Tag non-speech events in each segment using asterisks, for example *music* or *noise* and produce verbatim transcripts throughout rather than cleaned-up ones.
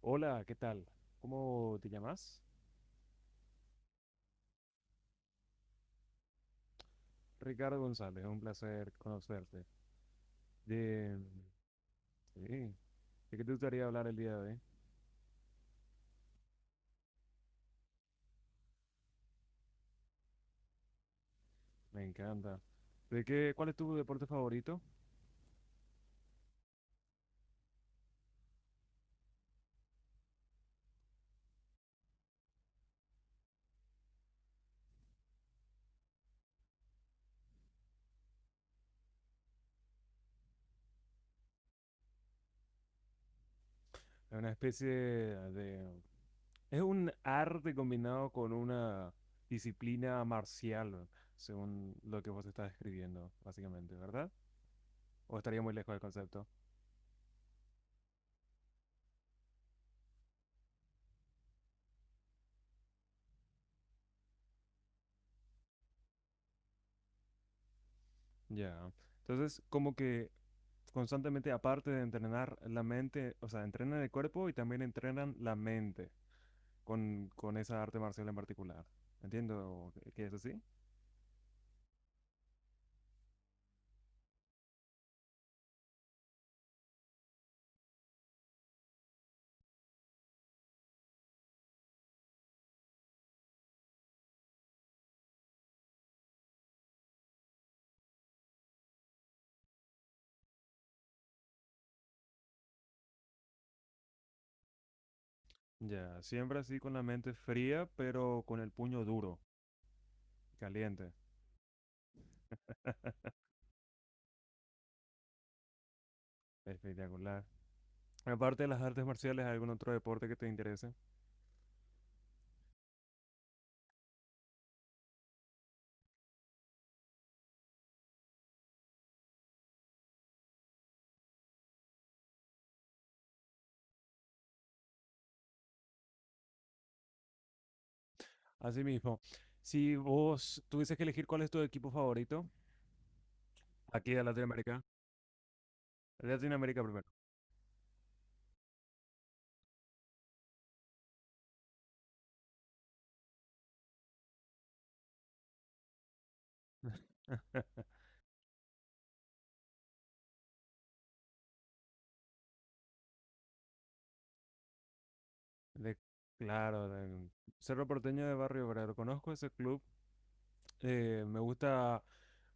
Hola, ¿qué tal? ¿Cómo te llamas? Ricardo González, un placer conocerte. De, sí, ¿de qué te gustaría hablar el día de hoy? Me encanta. ¿De qué, ¿cuál es tu deporte favorito? Es una especie de... Es un arte combinado con una disciplina marcial, según lo que vos estás describiendo, básicamente, ¿verdad? ¿O estaría muy lejos del concepto? Ya. Entonces, como que constantemente, aparte de entrenar la mente, o sea, entrenan el cuerpo y también entrenan la mente con, con esa arte marcial en particular. Entiendo que- que es así. Ya, siempre así con la mente fría, pero con el puño duro, caliente. Espectacular. Aparte de las artes marciales, ¿hay algún otro deporte que te interese? Asimismo, si vos tuvieses que elegir cuál es tu equipo favorito, aquí de Latinoamérica. De Latinoamérica primero. *laughs* De, claro, del Cerro Porteño de Barrio Obrero. Conozco ese club. Eh, me gusta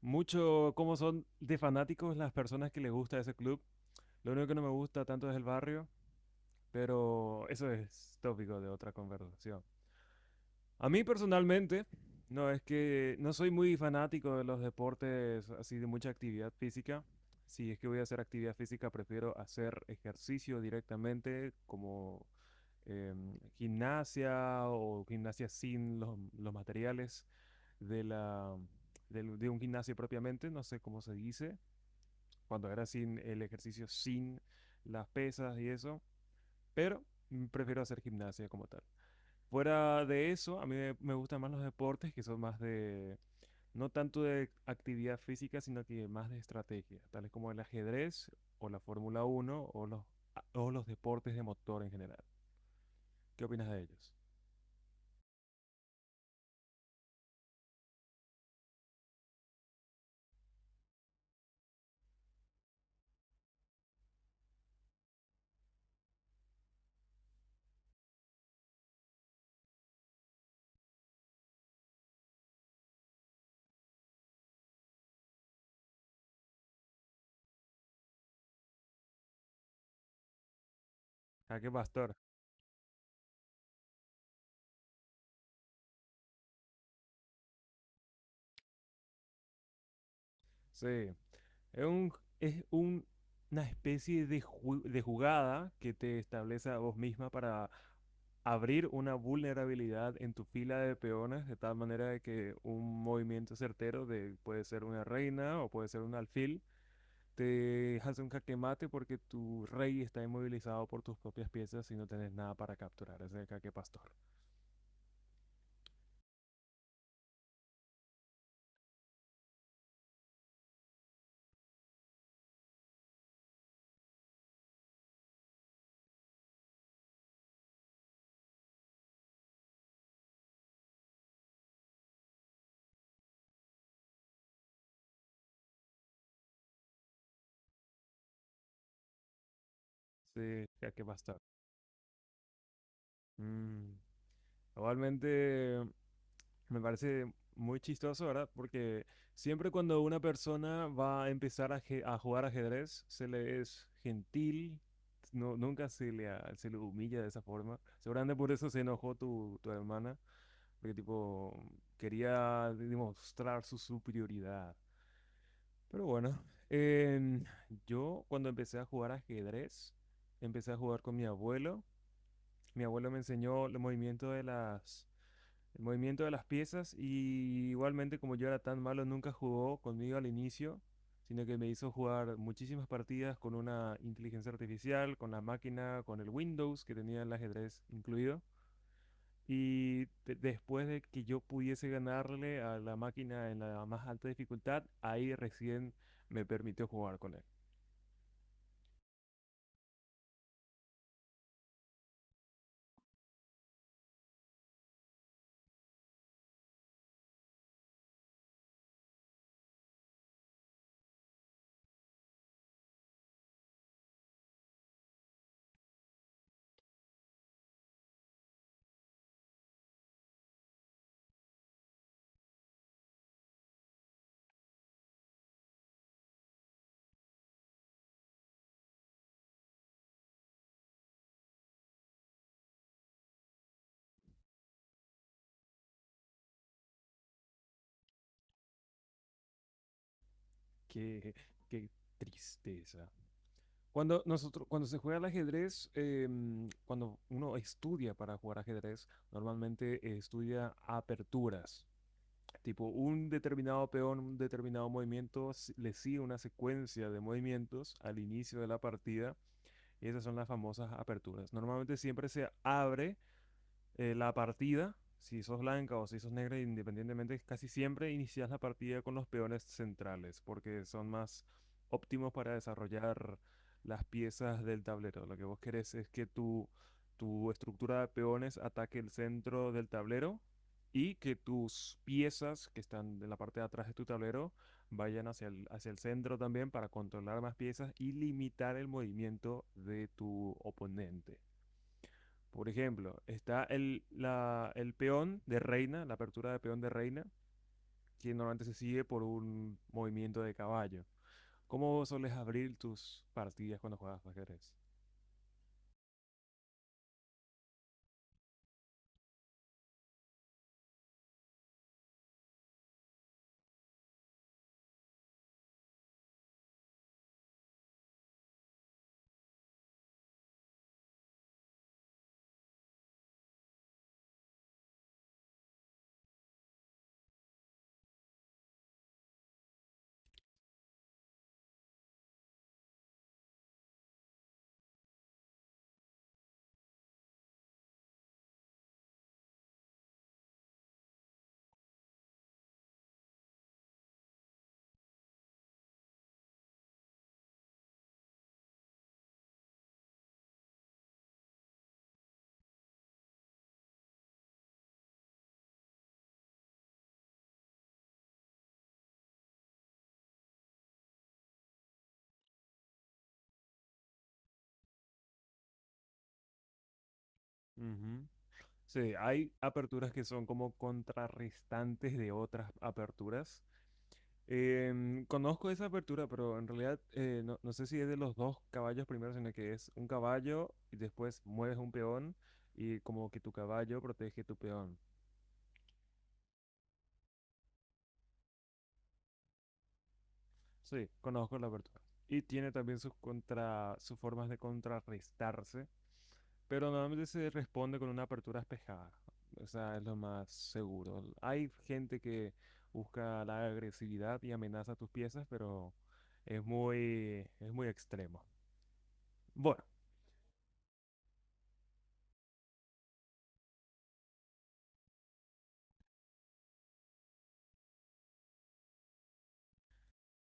mucho cómo son de fanáticos las personas que les gusta ese club. Lo único que no me gusta tanto es el barrio, pero eso es tópico de otra conversación. A mí personalmente, no es que no soy muy fanático de los deportes así de mucha actividad física. Si es que voy a hacer actividad física, prefiero hacer ejercicio directamente, como em, gimnasia o gimnasia sin los, los materiales de la, del- de un gimnasio propiamente, no sé cómo se dice, cuando era sin el ejercicio sin las pesas y eso, pero mm, prefiero hacer gimnasia como tal. Fuera de eso, a mí me, me gustan más los deportes que son más de, no tanto de actividad física, sino que más de estrategia, tales como el ajedrez o la Fórmula uno o los, a- o los deportes de motor en general. ¿Qué opinas de ellos? ¿A qué pastor? Sí, es un, es un- una especie de, ju- de jugada que te establece a vos misma para abrir una vulnerabilidad en tu fila de peones, de tal manera de que un movimiento certero de puede ser una reina o puede ser un alfil, te hace un jaque mate porque tu rey está inmovilizado por tus propias piezas y no tenés nada para capturar. Ese jaque pastor. Sí, jaque pastor. Mm. Igualmente. Me parece muy chistoso, ¿verdad? Porque siempre cuando una persona va a empezar a, je- a jugar ajedrez, se le es gentil, no, nunca se le, a- se le humilla de esa forma. Seguramente por eso se enojó tu, tu hermana, porque tipo quería demostrar su superioridad. Pero bueno, em, yo cuando empecé a jugar ajedrez, empecé a jugar con mi abuelo. Mi abuelo me enseñó el movimiento de las el movimiento de las piezas y igualmente como yo era tan malo nunca jugó conmigo al inicio, sino que me hizo jugar muchísimas partidas con una inteligencia artificial, con la máquina, con el Windows que tenía el ajedrez incluido. Y de- después de que yo pudiese ganarle a la máquina en la más alta dificultad, ahí recién me permitió jugar con él. Qué, qué tristeza. Cuando nosotros, cuando se juega al ajedrez, em, cuando uno estudia para jugar ajedrez, normalmente eh, estudia aperturas. Tipo, un determinado peón, un determinado movimiento, si- le sigue una secuencia de movimientos al inicio de la partida. Y esas son las famosas aperturas. Normalmente siempre se abre eh, la partida, si sos blanca o si sos negra, independientemente, casi siempre inicias la partida con los peones centrales, porque son más óptimos para desarrollar las piezas del tablero. Lo que vos querés es que tu, tu estructura de peones ataque el centro del tablero y que tus piezas que están en la parte de atrás de tu tablero vayan hacia el, hacia el centro también para controlar más piezas y limitar el movimiento de tu oponente. Por ejemplo, está el, la- el peón de reina, la apertura de peón de reina, que normalmente se sigue por un movimiento de caballo. ¿Cómo sueles abrir tus partidas cuando juegas ajedrez? Ujú. Sí, hay aperturas que son como contrarrestantes de otras aperturas. Em, conozco esa apertura, pero en realidad eh, no, no sé si es de los dos caballos primero, sino que es un caballo y después mueves un peón y como que tu caballo protege tu peón. Sí, conozco la apertura. Y tiene también sus, contra, sus formas de contrarrestarse, pero normalmente se responde con una apertura espejada. O sea, es lo más seguro. Hay gente que busca la agresividad y amenaza tus piezas, pero es muy, es muy extremo. Bueno,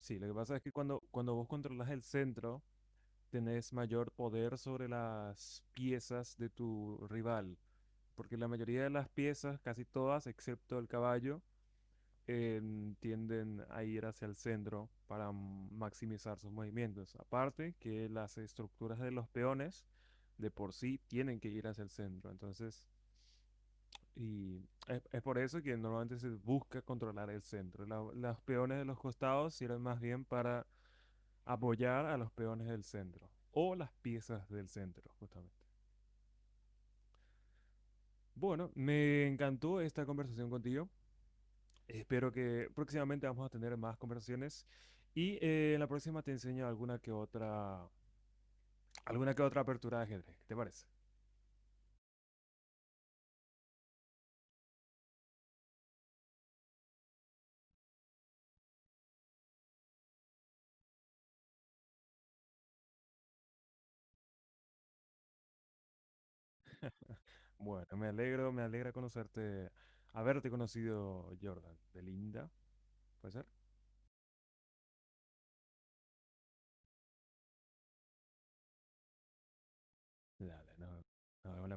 sí, lo que pasa es que cuando, cuando vos controlas el centro, tenés mayor poder sobre las piezas de tu rival, porque la mayoría de las piezas, casi todas, excepto el caballo, em, tienden a ir hacia el centro para maximizar sus movimientos. Aparte que las estructuras de los peones de por sí tienen que ir hacia el centro. Entonces, y es, es por eso que normalmente se busca controlar el centro. La- los peones de los costados sirven más bien para apoyar a los peones del centro o las piezas del centro, justamente. Bueno, me encantó esta conversación contigo. Espero que próximamente vamos a tener más conversaciones y eh, en la próxima te enseño alguna que otra, alguna que otra apertura de ajedrez. ¿Qué te parece? Bueno, me alegro, me alegra conocerte, haberte conocido, Jordan. De Linda, ¿puede ser? Dale, nos nos vemos la